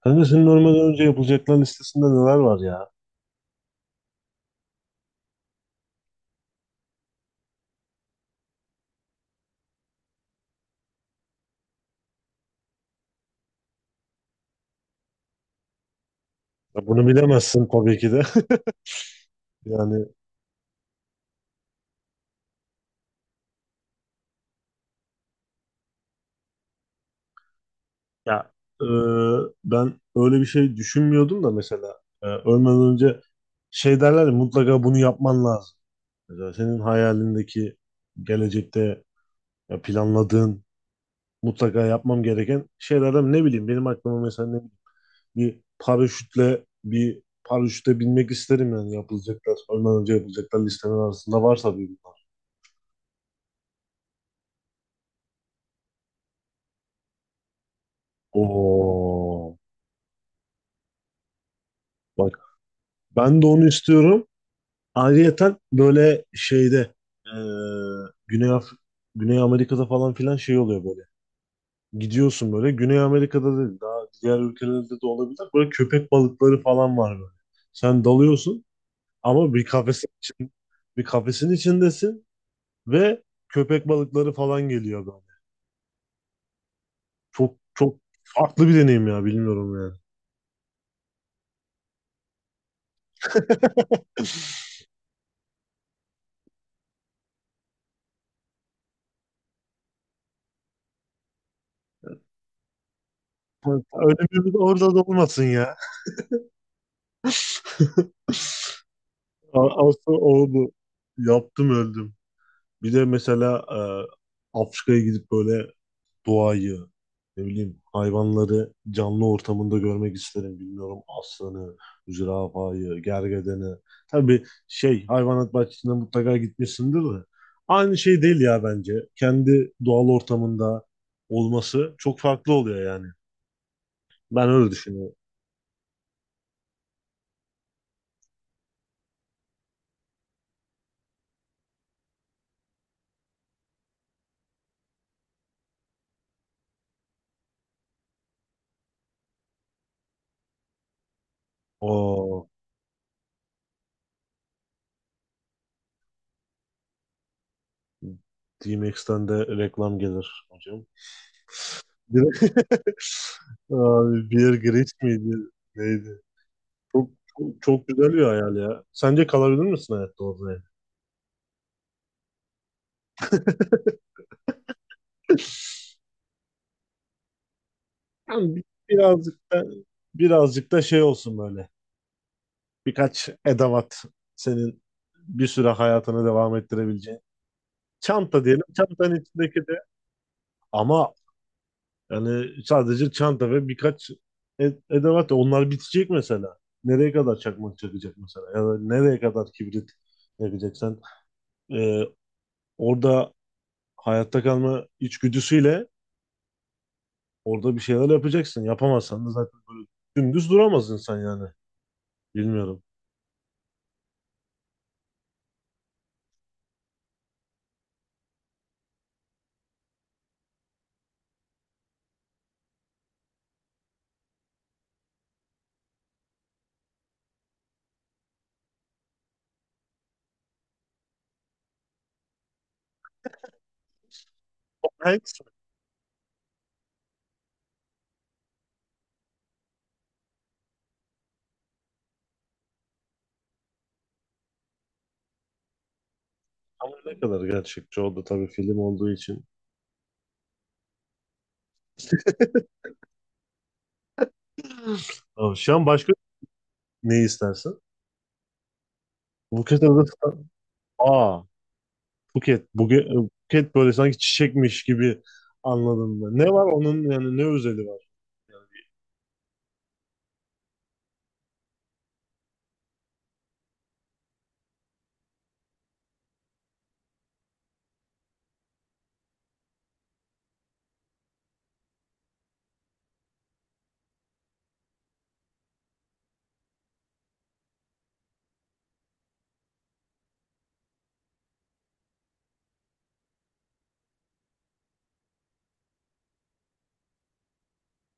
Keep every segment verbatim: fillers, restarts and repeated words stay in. Kanka, senin ölmeden önce yapılacaklar listesinde neler var ya? Ya bunu bilemezsin tabii ki de. Yani, ya, e, ben öyle bir şey düşünmüyordum da mesela e, ölmeden önce şey derler ya, mutlaka bunu yapman lazım. Mesela senin hayalindeki gelecekte, ya planladığın mutlaka yapmam gereken şeylerden, ne bileyim, benim aklıma mesela, ne bileyim, bir paraşütle bir paraşütle binmek isterim. Yani yapılacaklar, ölmeden önce yapılacaklar listemin arasında varsa bir bunlar. Oo. Bak. Ben de onu istiyorum. Ayrıyeten böyle şeyde, e, Güney Af Güney Amerika'da falan filan şey oluyor böyle. Gidiyorsun böyle. Güney Amerika'da değil. Daha diğer ülkelerde de olabilir. Böyle köpek balıkları falan var böyle. Sen dalıyorsun ama bir kafesin için, bir kafesin içindesin ve köpek balıkları falan geliyor böyle. Çok çok farklı bir deneyim ya, bilmiyorum yani. Öyle, bir de orada da olmasın ya. A- Aslı oldu. Yaptım öldüm. Bir de mesela e, Afrika'ya gidip böyle doğayı, ne bileyim hayvanları canlı ortamında görmek isterim. Bilmiyorum, aslanı, zürafayı, gergedeni. Tabii şey hayvanat bahçesine mutlaka gitmişsindir de. Aynı şey değil ya, bence. Kendi doğal ortamında olması çok farklı oluyor yani. Ben öyle düşünüyorum. O D-Max'ten de reklam gelir hocam. Direkt- Abi, Beer Grylls miydi? Neydi? Çok, çok, çok güzel bir hayal ya. Sence kalabilir misin hayatta orada yani? Yani bi- birazcık da birazcık da şey olsun böyle. Birkaç edavat, senin bir süre hayatını devam ettirebileceğin. Çanta diyelim. Çantanın içindeki de, ama yani sadece çanta ve birkaç e- edevat. Onlar bitecek mesela. Nereye kadar çakmak çakacak mesela? Ya da nereye kadar kibrit yakacak? Sen e, orada hayatta kalma içgüdüsüyle orada bir şeyler yapacaksın. Yapamazsan da zaten böyle dümdüz duramaz insan yani. Bilmiyorum. Evet. Ama ne kadar gerçekçi oldu, tabii film olduğu için. Aa, şu an başka ne istersin? Buket Adası. Aa, buket. Buket, buket böyle sanki çiçekmiş gibi anladım ben. Ne var onun, yani ne özeli var? Yani,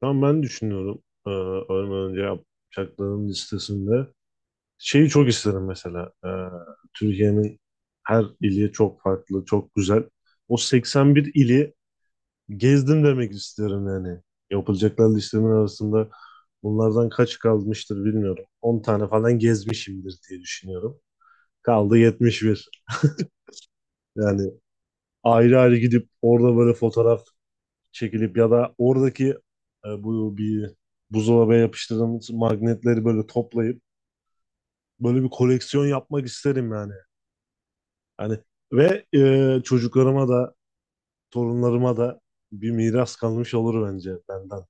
şu an ben düşünüyorum. Ee, ölmeden önce yapacaklarım listesinde. Şeyi çok isterim mesela. Ee, Türkiye'nin her ili çok farklı, çok güzel. O seksen bir ili gezdim demek isterim yani. Yapılacaklar listemin arasında bunlardan kaç kalmıştır bilmiyorum. On tane falan gezmişimdir diye düşünüyorum. Kaldı yetmiş bir. Yani ayrı ayrı gidip orada böyle fotoğraf çekilip ya da oradaki e, bu bir buzdolabına yapıştırdığımız magnetleri böyle toplayıp böyle bir koleksiyon yapmak isterim yani. Hani ve e, çocuklarıma da torunlarıma da bir miras kalmış olur bence benden.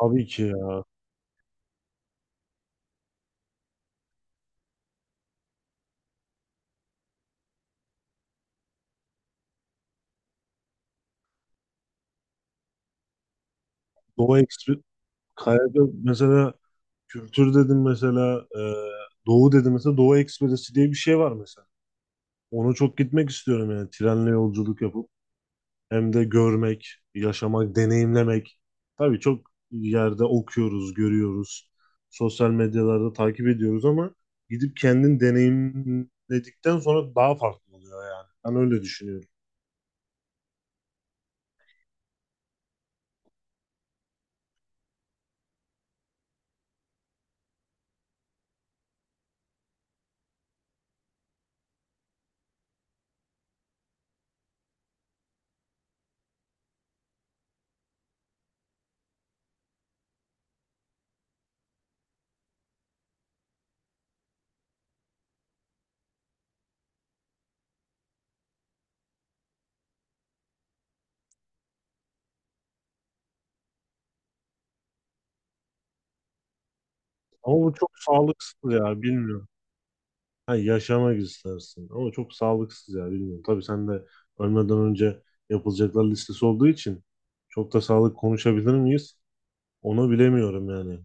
Tabii ki ya. Doğu Ekspresi. Kayada mesela, kültür dedim mesela, e, Doğu dedim mesela, Doğu Ekspresi diye bir şey var mesela. Ona çok gitmek istiyorum yani, trenle yolculuk yapıp. Hem de görmek, yaşamak, deneyimlemek. Tabii çok yerde okuyoruz, görüyoruz. Sosyal medyalarda takip ediyoruz ama gidip kendin deneyimledikten sonra daha farklı oluyor yani. Ben öyle düşünüyorum. Ama bu çok sağlıksız ya, bilmiyorum. Ha, yaşamak istersin ama çok sağlıksız ya, bilmiyorum. Tabii sen de ölmeden önce yapılacaklar listesi olduğu için çok da sağlık konuşabilir miyiz? Onu bilemiyorum yani.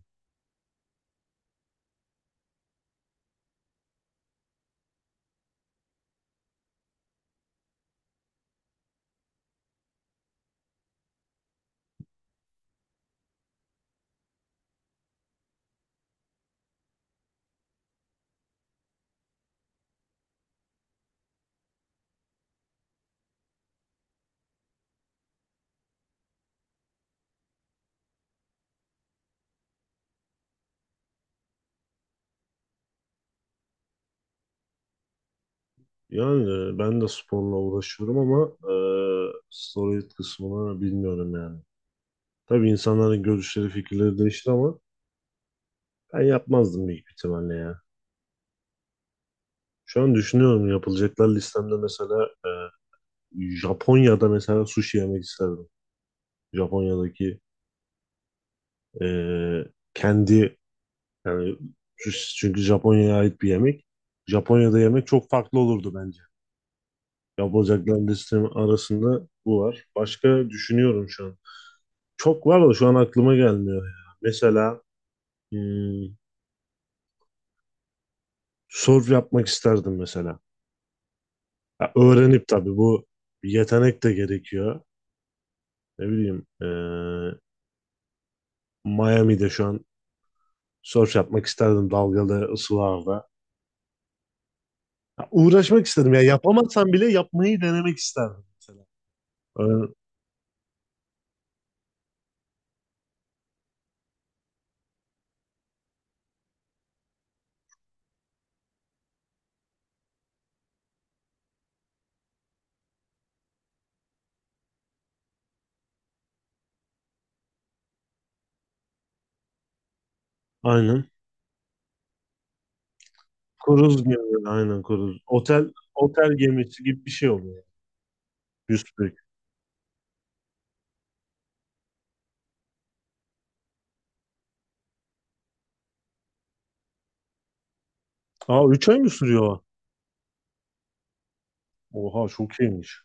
Yani e, ben de sporla uğraşıyorum ama e, steroid kısmını bilmiyorum yani. Tabii insanların görüşleri, fikirleri değişti ama ben yapmazdım büyük ihtimalle ya. Şu an düşünüyorum yapılacaklar listemde mesela e, Japonya'da mesela sushi yemek isterdim. Japonya'daki e, kendi yani sushi, çünkü Japonya'ya ait bir yemek. Japonya'da yemek çok farklı olurdu bence. Yapılacaklar listem arasında bu var. Başka düşünüyorum şu an. Çok var da şu an aklıma gelmiyor ya. Mesela hmm, surf yapmak isterdim mesela. Ya öğrenip, tabii bu bir yetenek de gerekiyor. Ne bileyim eee, Miami'de şu an surf yapmak isterdim dalgalı ısılarda. Ya uğraşmak isterdim ya yapamazsam bile yapmayı denemek isterdim mesela. Öyle- aynen. Kruz gemi, aynen kruz. Otel otel gemisi gibi bir şey oluyor. Yüzbük. Aa, üç ay mı sürüyor? Oha, çok iyiymiş.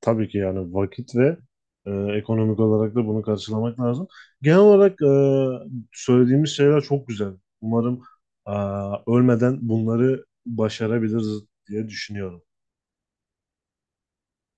Tabii ki yani vakit ve e, ekonomik olarak da bunu karşılamak lazım. Genel olarak e, söylediğimiz şeyler çok güzel. Umarım e, ölmeden bunları başarabiliriz diye düşünüyorum.